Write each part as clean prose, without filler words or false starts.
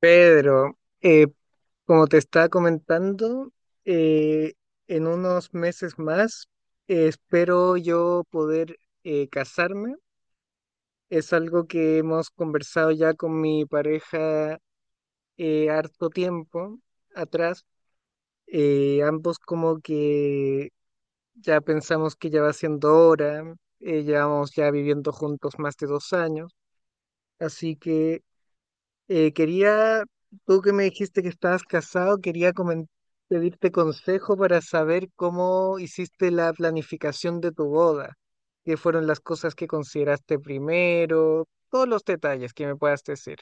Pedro, como te estaba comentando, eh, en unos meses más espero yo poder casarme. Es algo que hemos conversado ya con mi pareja harto tiempo atrás. Ambos como que ya pensamos que ya va siendo hora, llevamos ya viviendo juntos más de 2 años, así que quería, tú que me dijiste que estabas casado, quería pedirte consejo para saber cómo hiciste la planificación de tu boda, qué fueron las cosas que consideraste primero, todos los detalles que me puedas decir.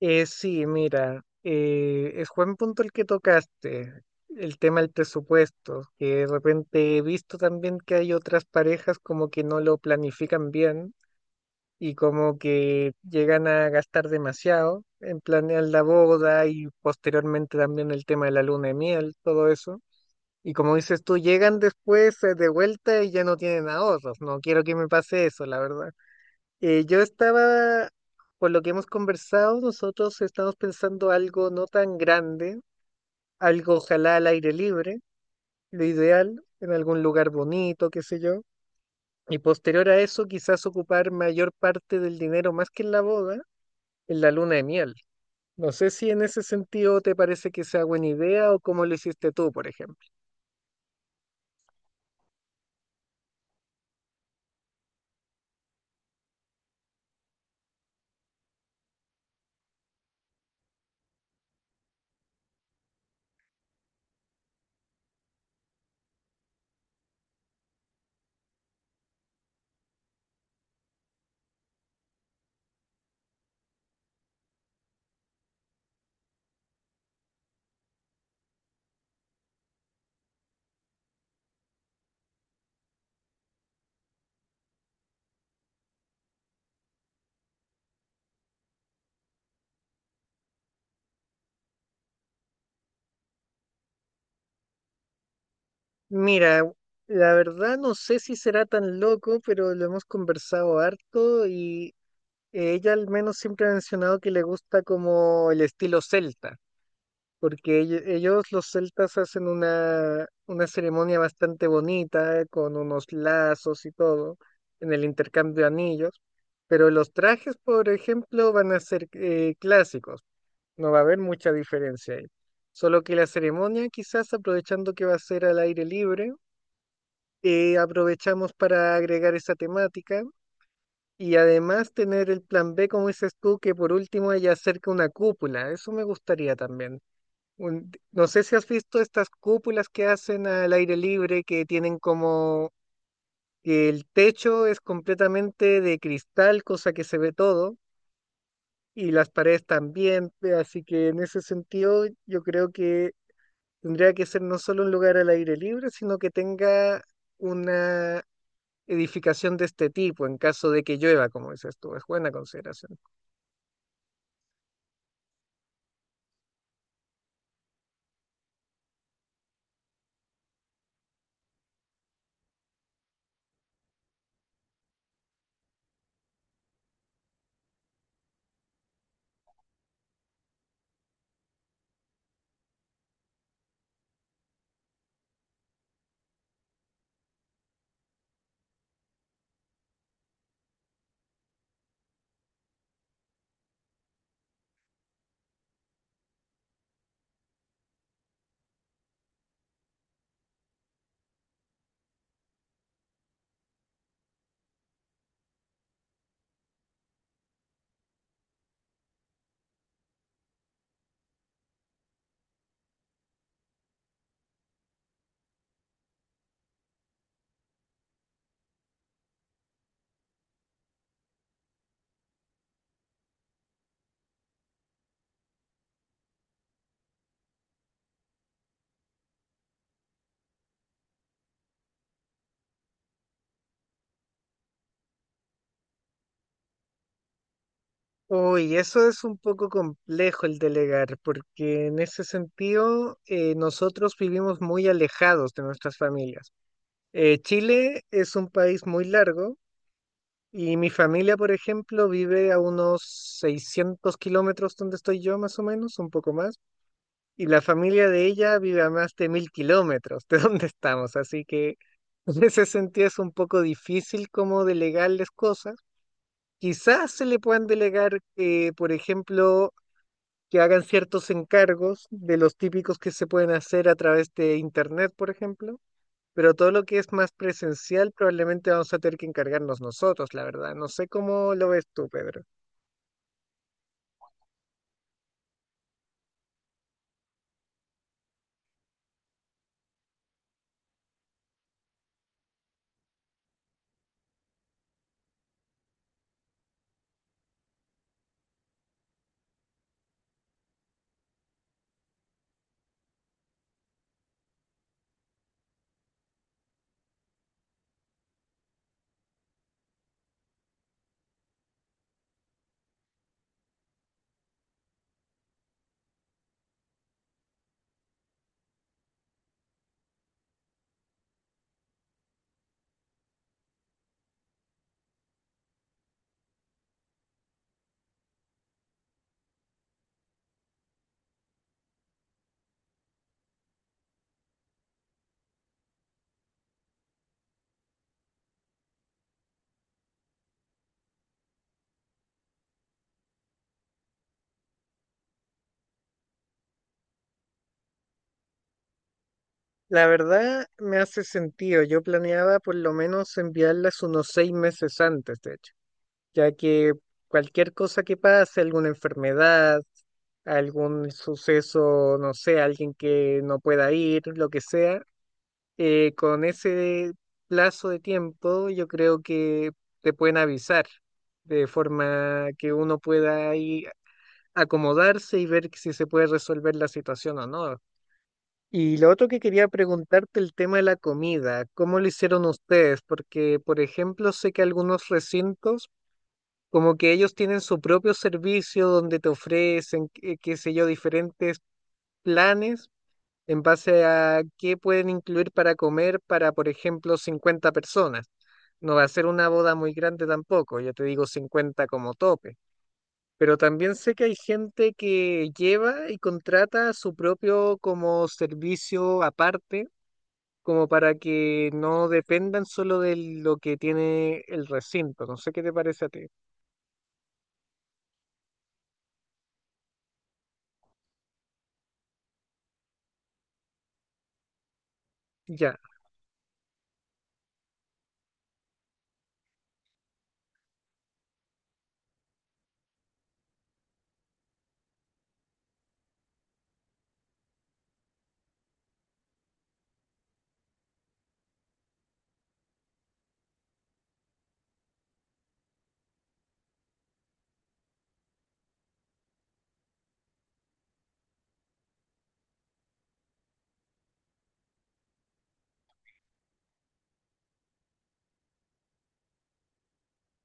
Sí, mira, es buen punto el que tocaste, el tema del presupuesto, que de repente he visto también que hay otras parejas como que no lo planifican bien y como que llegan a gastar demasiado en planear la boda y posteriormente también el tema de la luna de miel, todo eso. Y como dices tú, llegan después de vuelta y ya no tienen ahorros. No quiero que me pase eso, la verdad. Yo estaba, por lo que hemos conversado, nosotros estamos pensando algo no tan grande, algo ojalá al aire libre, lo ideal, en algún lugar bonito, qué sé yo. Y posterior a eso, quizás ocupar mayor parte del dinero, más que en la boda, en la luna de miel. No sé si en ese sentido te parece que sea buena idea o cómo lo hiciste tú, por ejemplo. Mira, la verdad no sé si será tan loco, pero lo hemos conversado harto y ella al menos siempre ha mencionado que le gusta como el estilo celta, porque ellos los celtas hacen una ceremonia bastante bonita con unos lazos y todo en el intercambio de anillos. Pero los trajes, por ejemplo, van a ser clásicos. No va a haber mucha diferencia ahí. Solo que la ceremonia, quizás aprovechando que va a ser al aire libre, aprovechamos para agregar esa temática y además tener el plan B, como dices tú, que por último haya cerca una cúpula. Eso me gustaría también. No sé si has visto estas cúpulas que hacen al aire libre, que tienen como que el techo es completamente de cristal, cosa que se ve todo. Y las paredes también, así que en ese sentido yo creo que tendría que ser no solo un lugar al aire libre, sino que tenga una edificación de este tipo en caso de que llueva. Como dices tú, es buena consideración. Uy, eso es un poco complejo el delegar, porque en ese sentido nosotros vivimos muy alejados de nuestras familias. Chile es un país muy largo y mi familia, por ejemplo, vive a unos 600 kilómetros donde estoy yo, más o menos, un poco más. Y la familia de ella vive a más de 1.000 kilómetros de donde estamos, así que en ese sentido es un poco difícil como delegarles cosas. Quizás se le puedan delegar, por ejemplo, que hagan ciertos encargos de los típicos que se pueden hacer a través de internet, por ejemplo. Pero todo lo que es más presencial probablemente vamos a tener que encargarnos nosotros, la verdad. No sé cómo lo ves tú, Pedro. La verdad me hace sentido. Yo planeaba por lo menos enviarlas unos 6 meses antes, de hecho, ya que cualquier cosa que pase, alguna enfermedad, algún suceso, no sé, alguien que no pueda ir, lo que sea, con ese plazo de tiempo yo creo que te pueden avisar de forma que uno pueda ahí acomodarse y ver si se puede resolver la situación o no. Y lo otro que quería preguntarte, el tema de la comida, ¿cómo lo hicieron ustedes? Porque, por ejemplo, sé que algunos recintos como que ellos tienen su propio servicio donde te ofrecen, qué, qué sé yo, diferentes planes en base a qué pueden incluir para comer para, por ejemplo, 50 personas. No va a ser una boda muy grande tampoco, ya te digo 50 como tope. Pero también sé que hay gente que lleva y contrata su propio como servicio aparte, como para que no dependan solo de lo que tiene el recinto. No sé qué te parece a ti. Ya.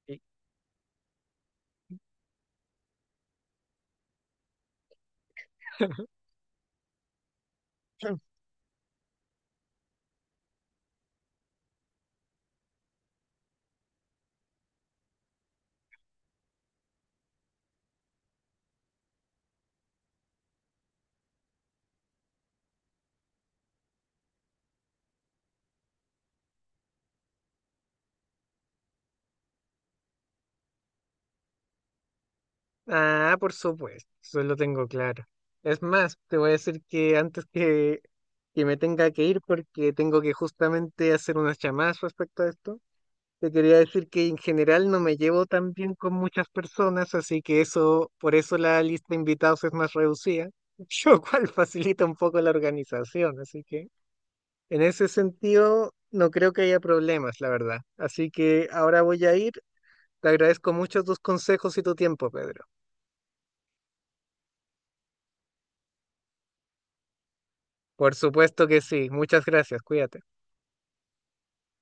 Y- Ah, por supuesto, eso lo tengo claro. Es más, te voy a decir que que me tenga que ir, porque tengo que justamente hacer unas llamadas respecto a esto, te quería decir que en general no me llevo tan bien con muchas personas, así que eso, por eso la lista de invitados es más reducida, lo cual facilita un poco la organización, así que en ese sentido no creo que haya problemas, la verdad. Así que ahora voy a ir, te agradezco mucho tus consejos y tu tiempo, Pedro. Por supuesto que sí. Muchas gracias. Cuídate.